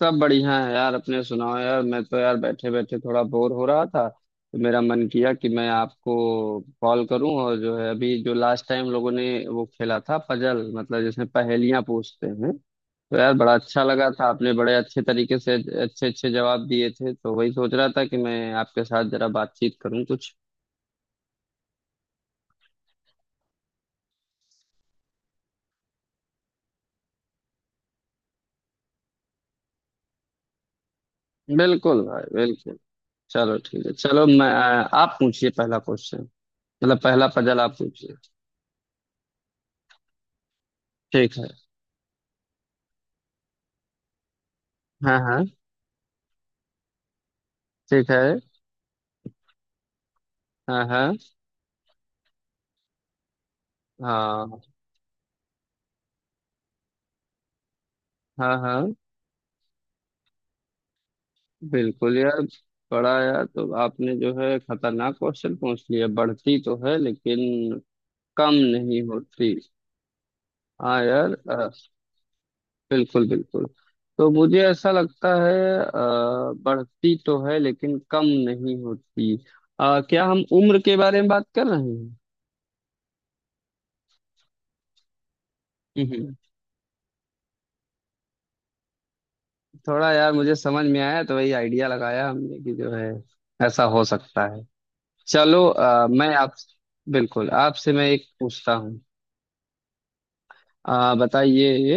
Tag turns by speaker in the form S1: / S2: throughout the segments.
S1: सब बढ़िया है यार। अपने सुनाओ। यार मैं तो यार बैठे बैठे थोड़ा बोर हो रहा था, तो मेरा मन किया कि मैं आपको कॉल करूं। और जो है, अभी जो लास्ट टाइम लोगों ने वो खेला था पजल, मतलब जिसमें पहेलियां पूछते हैं, तो यार बड़ा अच्छा लगा था। आपने बड़े अच्छे तरीके से अच्छे अच्छे जवाब दिए थे, तो वही सोच रहा था कि मैं आपके साथ जरा बातचीत करूं कुछ। बिल्कुल भाई, बिल्कुल। चलो ठीक है, चलो मैं, आप पूछिए पहला क्वेश्चन। मतलब पहला पजल आप पूछिए। ठीक है। हाँ हाँ। ठीक है। हाँ हाँ। हाँ। हाँ। हाँ बिल्कुल यार। बड़ा यार, तो आपने जो है खतरनाक क्वेश्चन पूछ लिया। बढ़ती तो है लेकिन कम नहीं होती। हाँ यार। बिल्कुल बिल्कुल। तो मुझे ऐसा लगता है, अ, बढ़ती तो है लेकिन कम नहीं होती। क्या हम उम्र के बारे में बात कर रहे हैं? हम्म। थोड़ा यार मुझे समझ में आया तो वही आइडिया लगाया हमने कि जो है, ऐसा हो सकता है। चलो, मैं आप, बिल्कुल आपसे मैं एक पूछता हूँ। बताइए,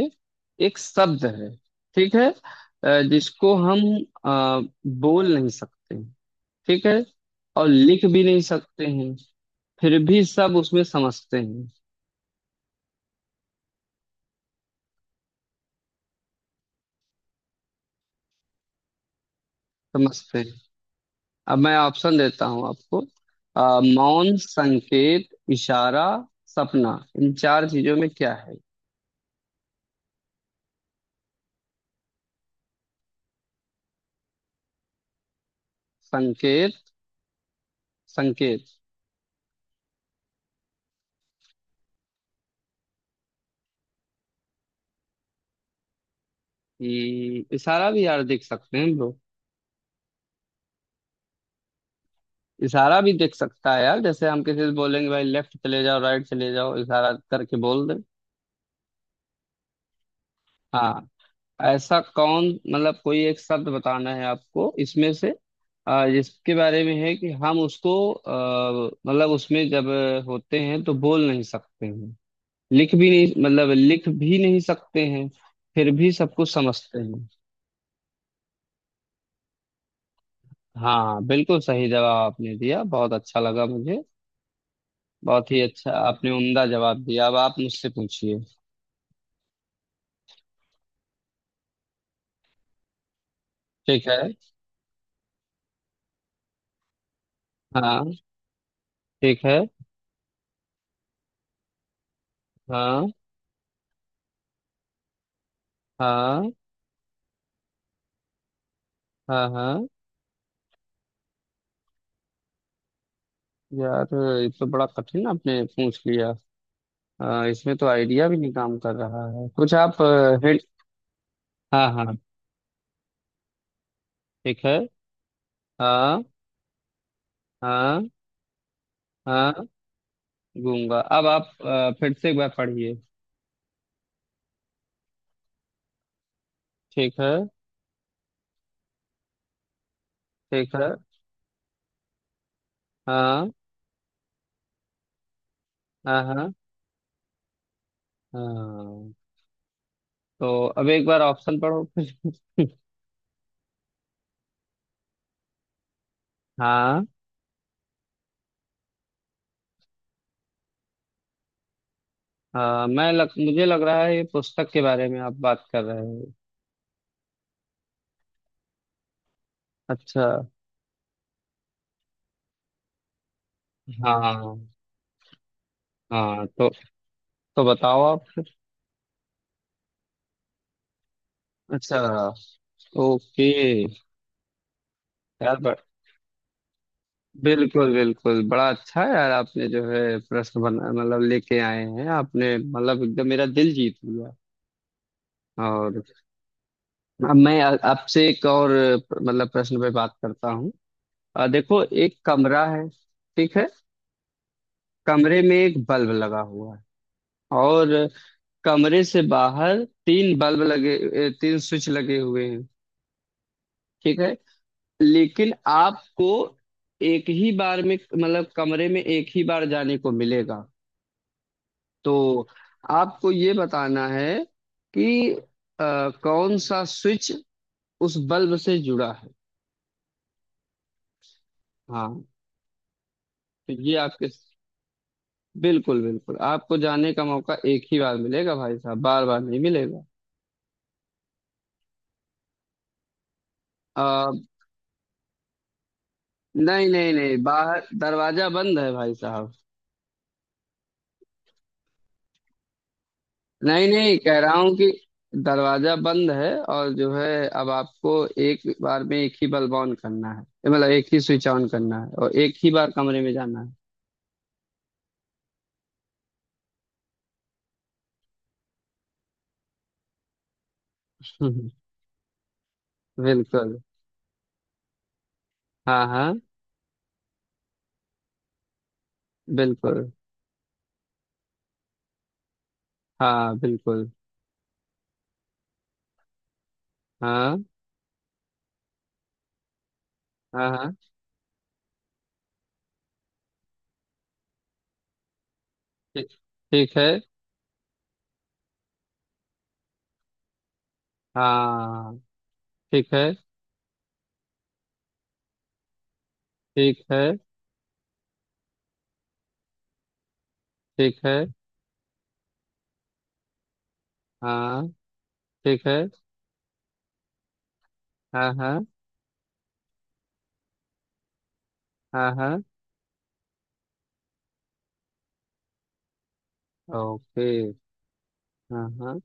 S1: एक शब्द है, ठीक है, जिसको हम आ, बोल नहीं सकते, ठीक है, और लिख भी नहीं सकते हैं, फिर भी सब उसमें समझते हैं, समझते हैं। अब मैं ऑप्शन देता हूँ आपको। मौन, संकेत, इशारा, सपना। इन चार चीजों में क्या है? संकेत। संकेत। हम्म। इशारा भी यार देख सकते हैं हम लोग। इशारा भी देख सकता है यार, जैसे हम किसी से बोलेंगे भाई लेफ्ट चले जाओ, राइट चले जाओ, इशारा करके बोल दे। हाँ। ऐसा कौन, मतलब कोई एक शब्द बताना है आपको इसमें से, जिसके बारे में है कि हम उसको, मतलब उसमें जब होते हैं तो बोल नहीं सकते हैं, लिख भी नहीं, मतलब लिख भी नहीं सकते हैं, फिर भी सब कुछ समझते हैं। हाँ बिल्कुल सही जवाब आपने दिया, बहुत अच्छा लगा मुझे। बहुत ही अच्छा आपने उम्दा जवाब दिया। अब आप मुझसे पूछिए। ठीक है। हाँ। ठीक है। हाँ हाँ। हाँ। हाँ यार, ये तो बड़ा कठिन आपने पूछ लिया। इसमें तो आइडिया भी नहीं काम कर रहा है कुछ। आप हिंट। हाँ हाँ। ठीक है। हाँ। हाँ। हाँ। गूंगा। अब आप फिर से एक बार पढ़िए। ठीक है। ठीक है। हाँ। हाँ। हाँ। हाँ। तो अब एक बार ऑप्शन पढ़ो फिर। हाँ हाँ। मुझे लग रहा है ये पुस्तक के बारे में आप बात कर रहे हैं। अच्छा। हाँ हाँ तो बताओ आप। अच्छा। ओके। यार ब- बिल्कुल बिल्कुल। बड़ा अच्छा यार आपने जो है प्रश्न बना, मतलब लेके आए हैं आपने, मतलब एकदम मेरा दिल जीत लिया। और अब मैं आपसे एक और मतलब प्रश्न पे बात करता हूँ। देखो, एक कमरा है, ठीक है, कमरे में एक बल्ब लगा हुआ है, और कमरे से बाहर तीन बल्ब लगे, तीन स्विच लगे हुए हैं, ठीक है। लेकिन आपको एक ही बार में, मतलब कमरे में एक ही बार जाने को मिलेगा। तो आपको ये बताना है कि कौन सा स्विच उस बल्ब से जुड़ा है। हाँ। तो ये आपके, बिल्कुल बिल्कुल आपको जाने का मौका एक ही बार मिलेगा भाई साहब, बार बार नहीं मिलेगा। अ, नहीं नहीं नहीं, बाहर दरवाजा बंद है भाई साहब। नहीं नहीं, कह रहा हूँ कि दरवाजा बंद है, और जो है अब आपको एक बार में एक ही बल्ब ऑन करना है, मतलब एक ही स्विच ऑन करना है, और एक ही बार कमरे में जाना है। बिल्कुल। हाँ हाँ। बिल्कुल। हाँ बिल्कुल। हाँ हाँ। हाँ। ठीक। ठीक है। हाँ। ठीक है। ठीक है। ठीक है। हाँ। ठीक है। हाँ हाँ। हाँ। हाँ ओके। हाँ हाँ।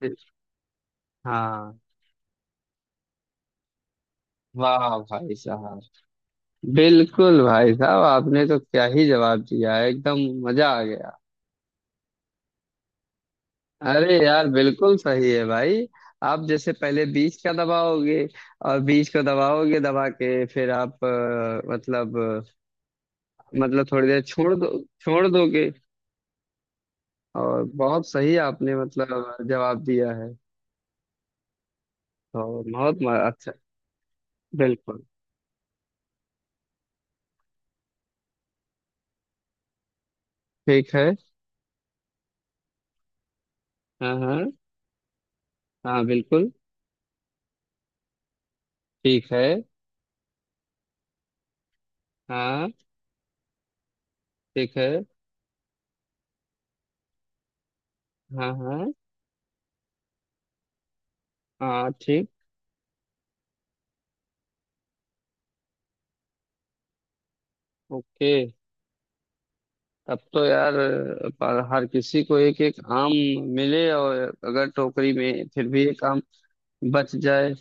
S1: ठीक- हाँ। वाह भाई साहब। बिल्कुल भाई साहब, आपने तो क्या ही जवाब दिया है एकदम, मजा आ गया। अरे यार बिल्कुल सही है भाई। आप जैसे पहले बीज का दबाओगे, और बीज को दबाओगे, दबा के फिर आप, मतलब, मतलब थोड़ी देर छोड़ दो, छोड़ दोगे। और बहुत सही आपने मतलब जवाब दिया है। तो अच्छा। बिल्कुल। ठीक है। हाँ। हाँ। हाँ। बिल्कुल। ठीक है। हाँ। ठीक है। हाँ। हाँ। हाँ। ठीक। ओके। अब तो यार, पर हर किसी को एक एक आम मिले, और अगर टोकरी में फिर भी एक आम बच जाए,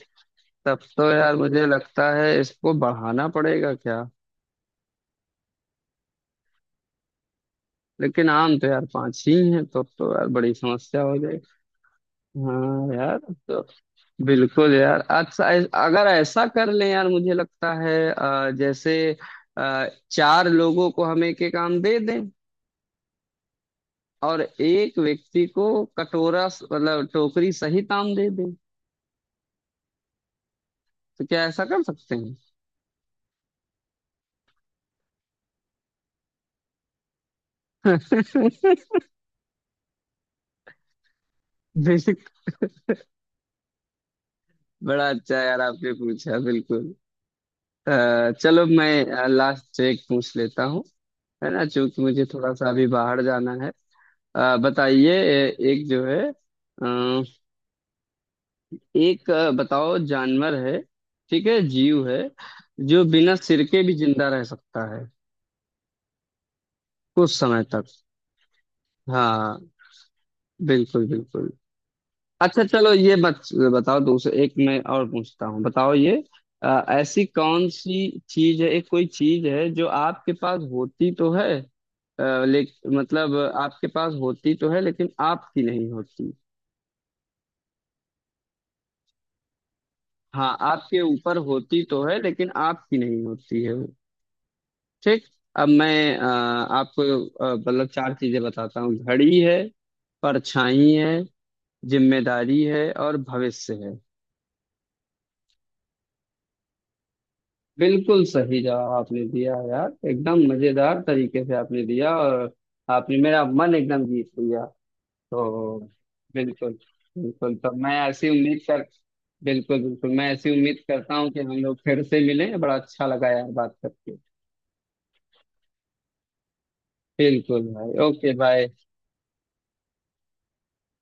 S1: तब तो यार मुझे लगता है इसको बढ़ाना पड़ेगा क्या। लेकिन आम तो यार पांच ही हैं, तो अब तो यार बड़ी समस्या हो जाएगी। हाँ यार अब तो, बिल्कुल यार। अच्छा अगर ऐसा कर लें यार, मुझे लगता है जैसे चार लोगों को हम एक एक आम दे दें, और एक व्यक्ति को कटोरा, मतलब टोकरी सहित आम दे दें। तो क्या ऐसा कर सकते हैं? बेसिक। बड़ा अच्छा यार आपने पूछा, बिल्कुल। चलो मैं लास्ट से एक पूछ लेता हूँ, है ना, चूंकि मुझे थोड़ा सा अभी बाहर जाना है। बताइए, एक जो है, अ, एक, बताओ, जानवर है, ठीक है, जीव है, जो बिना सिर के भी जिंदा रह सकता है कुछ समय तक। हाँ बिल्कुल बिल्कुल। अच्छा, चलो, बताओ, दूसरे एक मैं और पूछता हूँ, बताओ ये, ऐसी कौन सी चीज है, एक कोई चीज है जो आपके पास होती तो है, अ, ले मतलब आपके पास होती तो है लेकिन आपकी नहीं होती। हाँ, आपके ऊपर होती तो है लेकिन आपकी नहीं होती है वो। ठीक। अब मैं आपको मतलब चार चीजें बताता हूँ। घड़ी है, परछाई है, जिम्मेदारी है, और भविष्य है। बिल्कुल सही जवाब आपने दिया यार, एकदम मजेदार तरीके से आपने दिया, और आपने मेरा मन एकदम जीत लिया। तो बिल्कुल, बिल्कुल, तो मैं ऐसी उम्मीद कर, बिल्कुल बिल्कुल मैं ऐसी उम्मीद करता हूँ कि हम लोग फिर से मिलें। बड़ा अच्छा लगा यार बात करके। बिल्कुल भाई, ओके बाय।